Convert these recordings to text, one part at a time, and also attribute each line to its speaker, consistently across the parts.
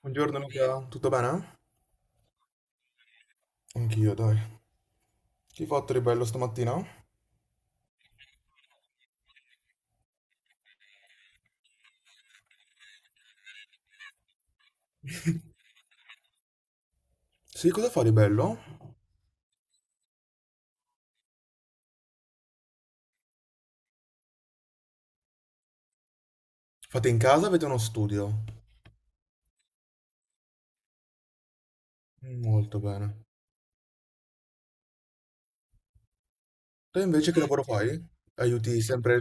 Speaker 1: Buongiorno Luca, tutto bene? Anch'io, dai. Che hai fatto di bello stamattina? Sì, cosa fai di bello? Fate in casa, o avete uno studio? Mm, molto bene. Te invece che lavoro fai? Aiuti sempre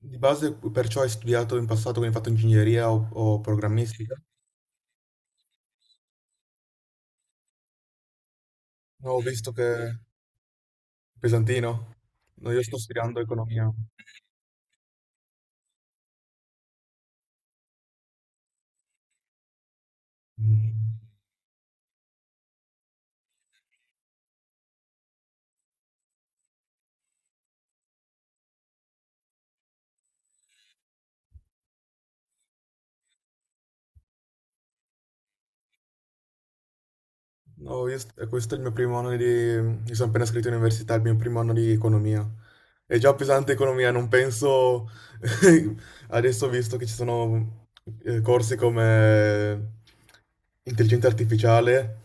Speaker 1: di base, perciò hai studiato in passato, quindi hai fatto ingegneria o programmistica? No, ho visto che. Pesantino. No, io sto studiando economia. Mm. No, questo è il mio primo anno di. Mi sono appena iscritto in università, è il mio primo anno di economia. È già pesante economia, non penso. Adesso ho visto che ci sono corsi come intelligenza artificiale,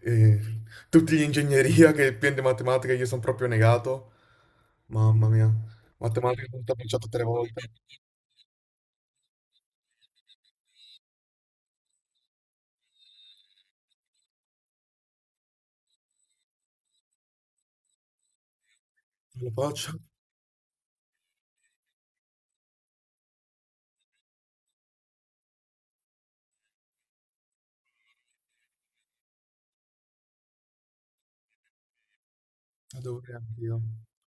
Speaker 1: eh, tutti gli ingegneria che pieno di matematica, io sono proprio negato. Mamma mia, matematica l'ho già bocciato tre volte. Non lo faccio. Dovrei anch'io.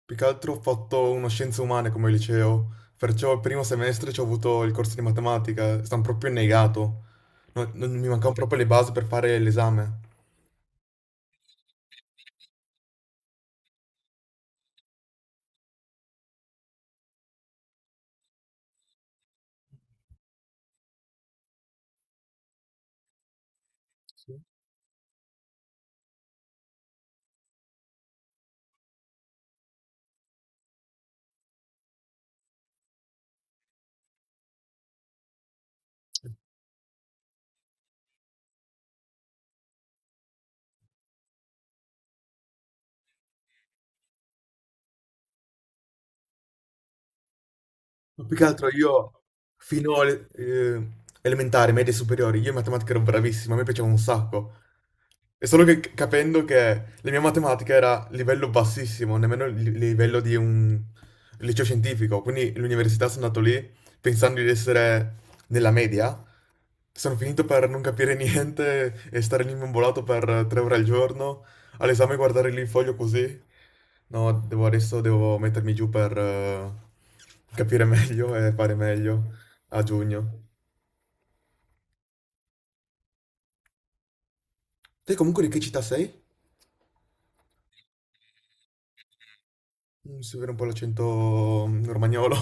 Speaker 1: Più che altro ho fatto uno scienze umane come liceo, perciò il primo semestre ci ho avuto il corso di matematica, sono proprio negato. Mi mancavano proprio le basi per fare l'esame. Ma più che altro io fino alle elementari, medie e superiori, io in matematica ero bravissimo, a me piaceva un sacco. E solo che capendo che la mia matematica era livello bassissimo, nemmeno livello di un liceo scientifico, quindi l'università sono andato lì pensando di essere nella media, sono finito per non capire niente e stare lì imbambolato per 3 ore al giorno, all'esame guardare lì il foglio così. No, adesso devo mettermi giù per capire meglio e fare meglio a giugno. Te comunque di che città sei? Si vede un po' l'accento romagnolo.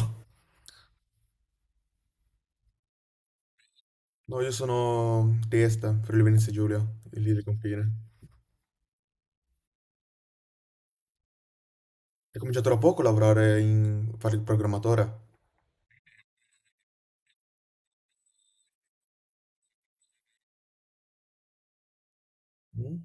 Speaker 1: No, io sono di Este, Friuli Venezia Giulia, lì del confine. Hai cominciato da poco a lavorare in, fare il programmatore? Mm?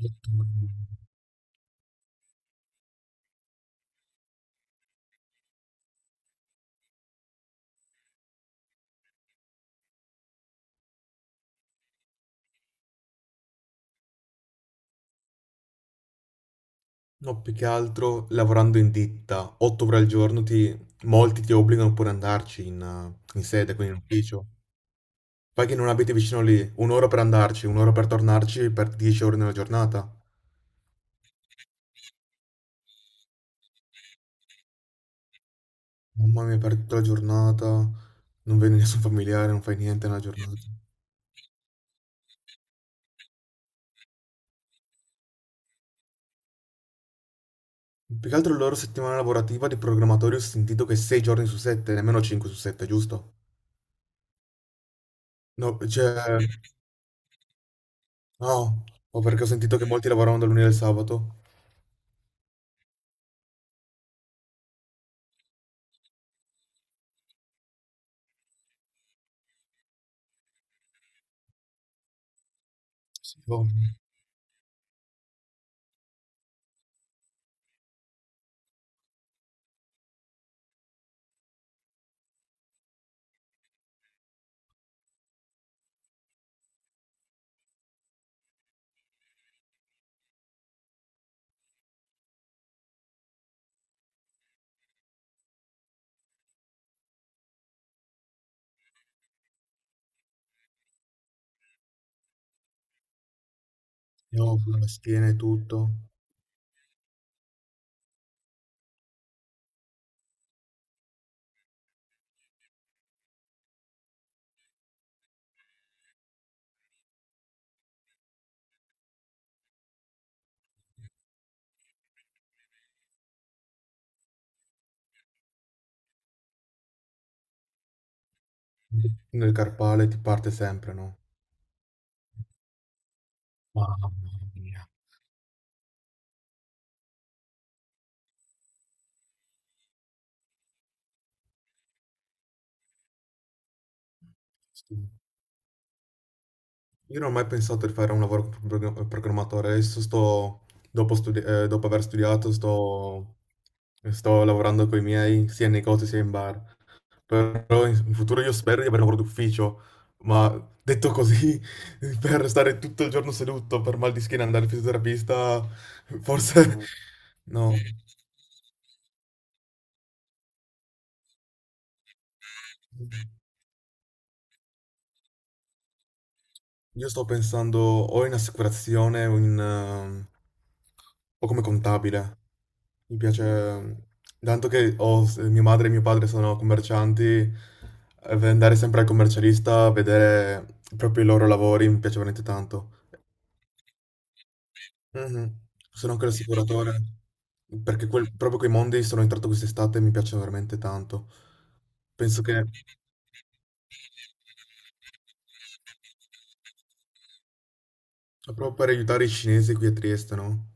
Speaker 1: Mm. No, più che altro lavorando in ditta, 8 ore al giorno, molti ti obbligano pure ad andarci in sede, quindi in ufficio. Poi che non abiti vicino lì, un'ora per andarci, un'ora per tornarci, per 10 ore nella giornata. Mamma mia, per tutta la giornata, non vedi nessun familiare, non fai niente nella giornata. Più che altro la loro settimana lavorativa di programmatori ho sentito che 6 giorni su 7, nemmeno 5 su 7, giusto? No, cioè, no, o perché ho sentito che molti lavoravano da lunedì al sabato. Sì. Boh. Io con la schiena e tutto, nel carpale ti parte sempre, no? Mamma mia. Sì. Io non ho mai pensato di fare un lavoro come programmatore, adesso dopo aver studiato, sto lavorando con i miei, sia in negozio sia in bar, però in futuro io spero di avere un lavoro d'ufficio, ma detto così, per stare tutto il giorno seduto per mal di schiena e andare al fisioterapista, forse no. Io sto pensando o in assicurazione o o come contabile. Mi piace. Tanto che mia madre e mio padre sono commercianti, andare sempre al commercialista a vedere proprio i loro lavori mi piace veramente tanto. Mhm. Sono anche l'assicuratore, perché proprio quei mondi sono entrato quest'estate e mi piacciono veramente tanto. Penso che. Ma proprio per aiutare i cinesi qui a Trieste, no?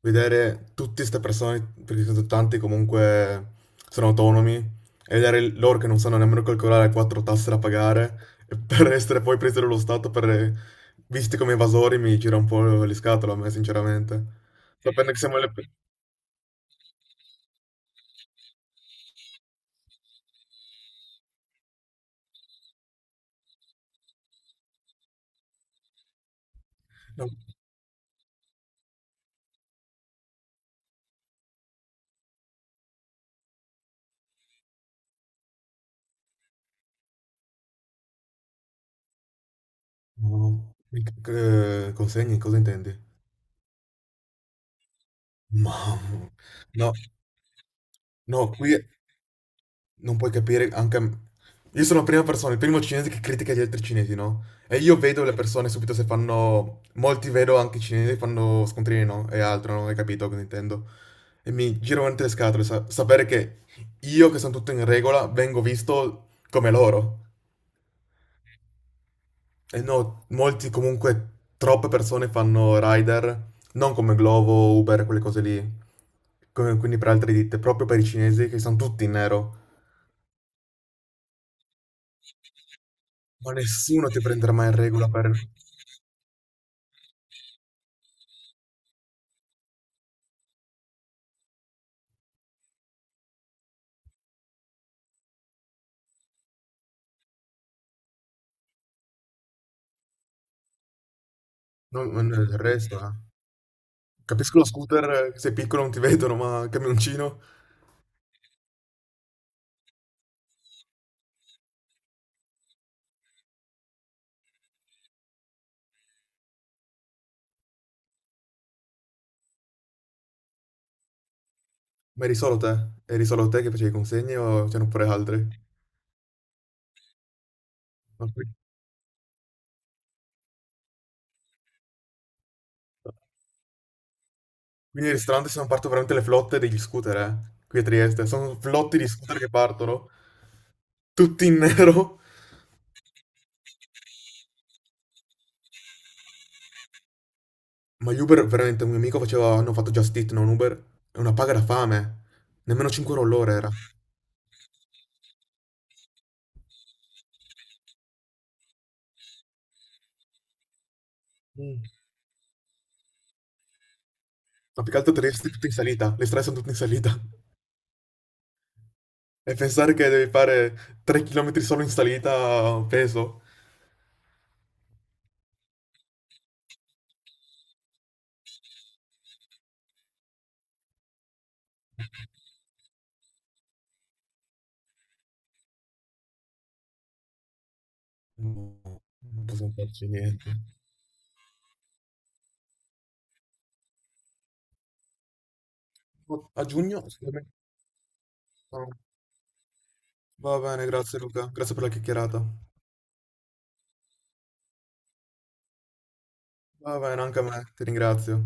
Speaker 1: Vedere tutte queste persone, perché sono tanti comunque, sono autonomi, e vedere loro che non sanno nemmeno calcolare le quattro tasse da pagare, e per essere poi presi dallo Stato, per, visti come evasori, mi gira un po' le scatole a me, sinceramente. Sapendo che siamo le. No, no. No, consegni, cosa intendi? Mamma. No, no, qui. Non puoi capire anche. Io sono la prima persona, il primo cinese che critica gli altri cinesi, no? E io vedo le persone subito se fanno. Molti vedo anche cinesi che fanno scontrini, no? E altro, non hai capito cosa intendo. E mi giro veramente le scatole, sapere che io, che sono tutto in regola, vengo visto come loro. E no, molti comunque, troppe persone fanno rider, non come Glovo, Uber, quelle cose lì. Quindi per altre ditte, proprio per i cinesi che sono tutti in nero. Ma nessuno ti prenderà mai in regola per. No, ma no, il resto, eh. Capisco lo scooter, sei piccolo non ti vedono, ma il camioncino, ma eri solo te? Eri solo te che facevi consegne o c'erano pure altri? No, quindi i ristoranti sono partono veramente le flotte degli scooter, qui a Trieste. Sono flotti di scooter che partono, tutti in nero. Ma gli Uber, veramente, un mio amico faceva, hanno fatto Just Eat, non Uber, è una paga da fame. Nemmeno 5 euro all'ora era. Mm. Ma più che altro Trieste è tutta in salita, le strade sono tutte in salita. E pensare che devi fare 3 chilometri solo in salita peso. No, non possiamo farci niente. Oh, a giugno? Sicuramente no. Va bene, grazie Luca, grazie per la chiacchierata. Va bene, anche a me, ti ringrazio.